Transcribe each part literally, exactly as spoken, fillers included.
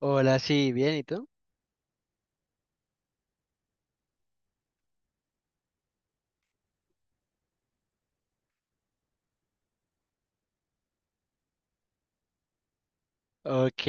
Hola, sí, bien, ¿y tú? Ok,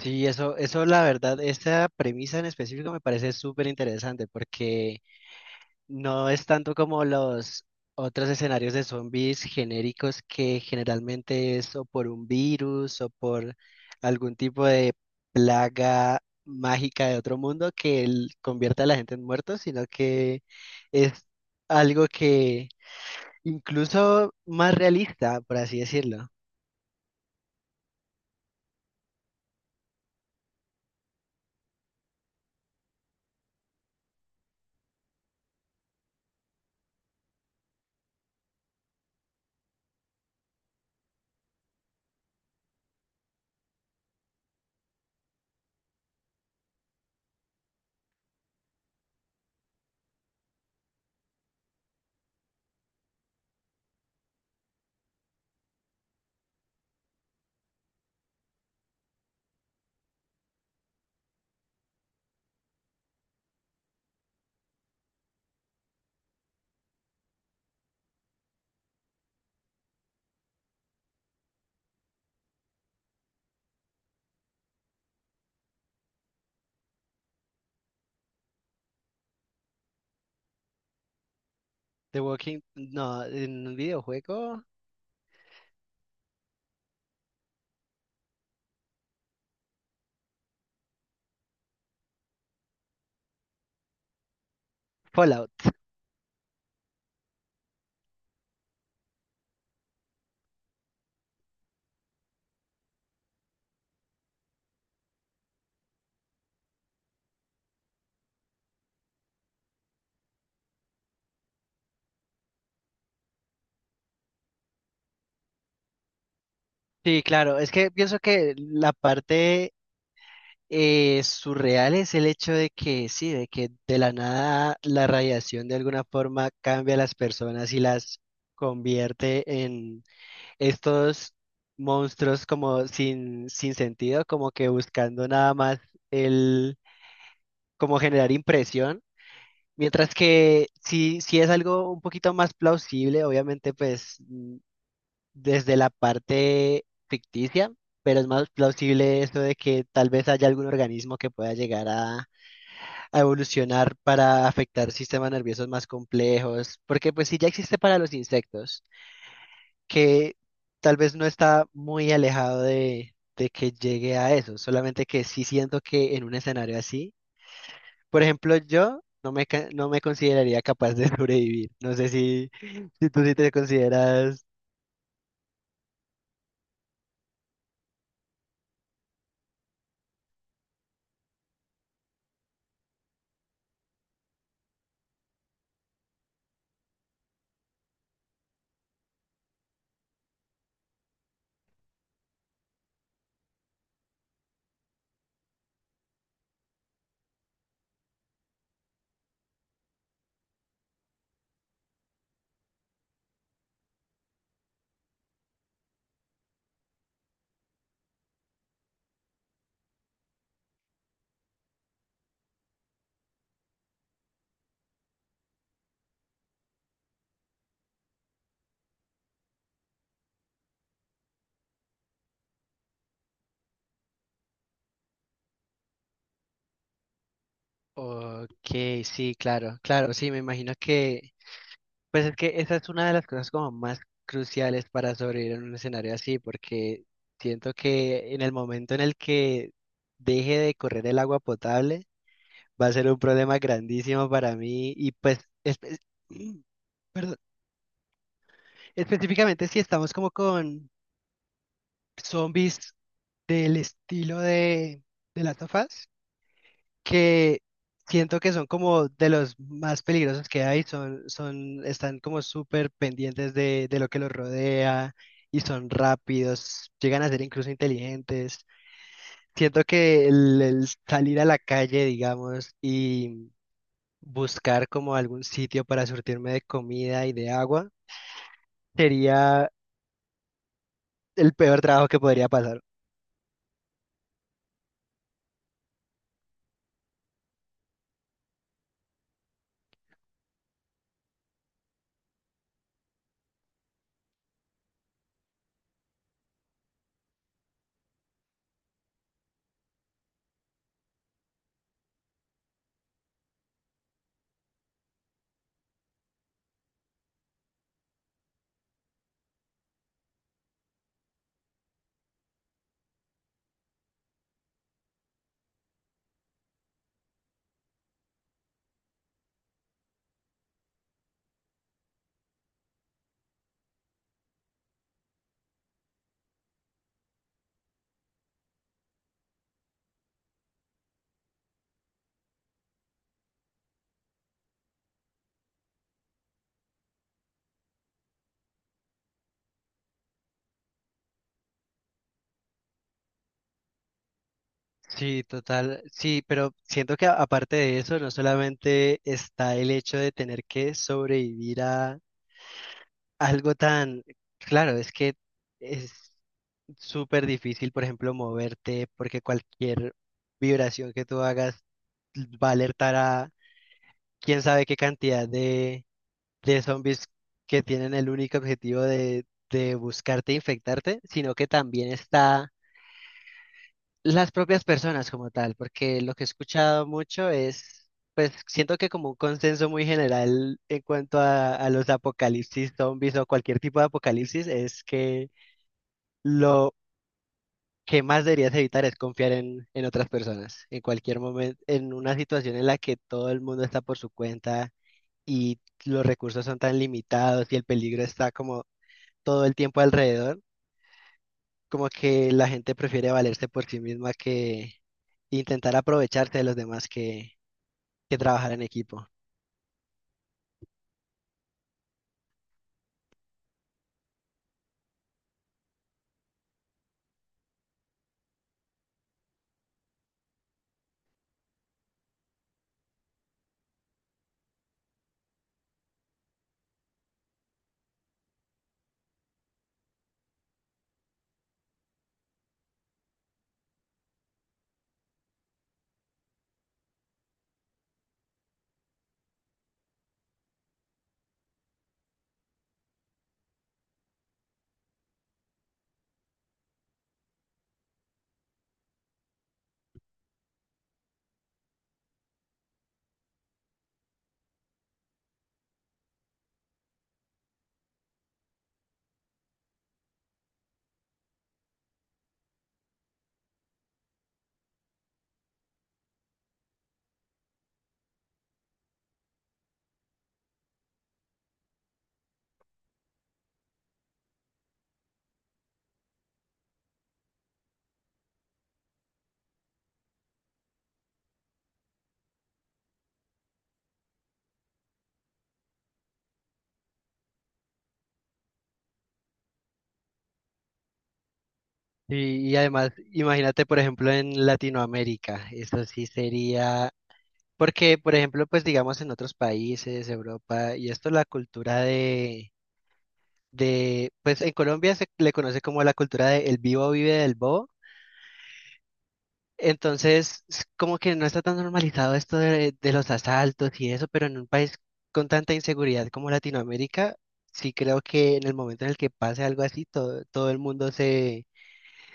sí, eso, eso la verdad, esta premisa en específico me parece súper interesante porque no es tanto como los otros escenarios de zombies genéricos que generalmente es o por un virus o por algún tipo de plaga mágica de otro mundo que el- convierte a la gente en muertos, sino que es algo que incluso más realista, por así decirlo. The Walking, no, en un videojuego, Fallout. Sí, claro, es que pienso que la parte eh, surreal es el hecho de que sí, de que de la nada la radiación de alguna forma cambia a las personas y las convierte en estos monstruos como sin, sin sentido, como que buscando nada más el, como generar impresión. Mientras que si, si es algo un poquito más plausible, obviamente pues desde la parte ficticia, pero es más plausible eso de que tal vez haya algún organismo que pueda llegar a, a evolucionar para afectar sistemas nerviosos más complejos, porque pues si ya existe para los insectos, que tal vez no está muy alejado de, de que llegue a eso, solamente que sí siento que en un escenario así, por ejemplo, yo... No me, ca- no me consideraría capaz de sobrevivir. No sé si, si tú sí te consideras. Ok, sí, claro, claro, sí, me imagino que, pues es que esa es una de las cosas como más cruciales para sobrevivir en un escenario así, porque siento que en el momento en el que deje de correr el agua potable, va a ser un problema grandísimo para mí y pues, espe- perdón, específicamente si estamos como con zombies del estilo de, de las Us, que siento que son como de los más peligrosos que hay, son, son, están como súper pendientes de, de lo que los rodea y son rápidos, llegan a ser incluso inteligentes. Siento que el, el salir a la calle, digamos, y buscar como algún sitio para surtirme de comida y de agua sería el peor trabajo que podría pasar. Sí, total, sí, pero siento que a- aparte de eso, no solamente está el hecho de tener que sobrevivir algo tan claro, es que es súper difícil, por ejemplo, moverte porque cualquier vibración que tú hagas va a alertar a quién sabe qué cantidad de, de zombies que tienen el único objetivo de, de buscarte e infectarte, sino que también está las propias personas como tal, porque lo que he escuchado mucho es, pues siento que como un consenso muy general en cuanto a, a los apocalipsis zombies o cualquier tipo de apocalipsis es que lo que más deberías evitar es confiar en, en otras personas. En cualquier momento, en una situación en la que todo el mundo está por su cuenta y los recursos son tan limitados y el peligro está como todo el tiempo alrededor, como que la gente prefiere valerse por sí misma que intentar aprovecharse de los demás que, que trabajar en equipo. Y, y además, imagínate, por ejemplo, en Latinoamérica, eso sí sería, porque, por ejemplo, pues digamos en otros países, Europa, y esto la cultura de de, pues en Colombia se le conoce como la cultura de el vivo vive del bobo. Entonces, s- como que no está tan normalizado esto de, de los asaltos y eso, pero en un país con tanta inseguridad como Latinoamérica, sí creo que en el momento en el que pase algo así, todo, todo el mundo se,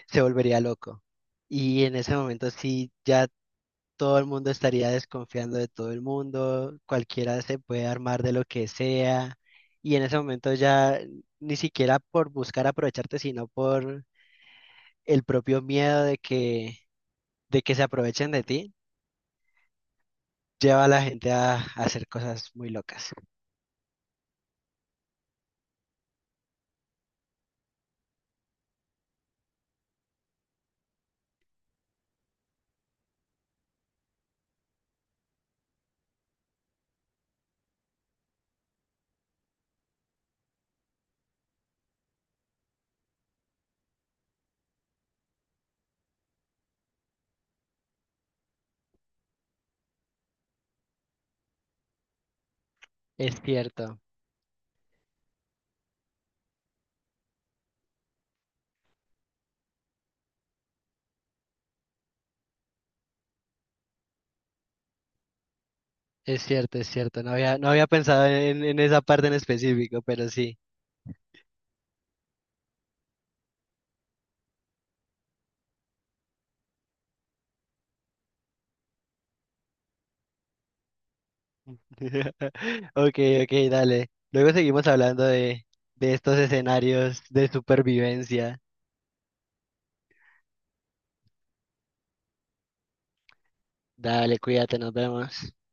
se volvería loco. Y en ese momento sí ya todo el mundo estaría desconfiando de todo el mundo, cualquiera se puede armar de lo que sea, y en ese momento ya ni siquiera por buscar aprovecharte, sino por el propio miedo de que, de que se aprovechen de ti, lleva a la gente a, a hacer cosas muy locas. Es cierto, es cierto, es cierto. No había, no había pensado en, en esa parte en específico, pero sí. Ok, ok, dale. Luego seguimos hablando de, de estos escenarios de supervivencia. Dale, cuídate, nos vemos.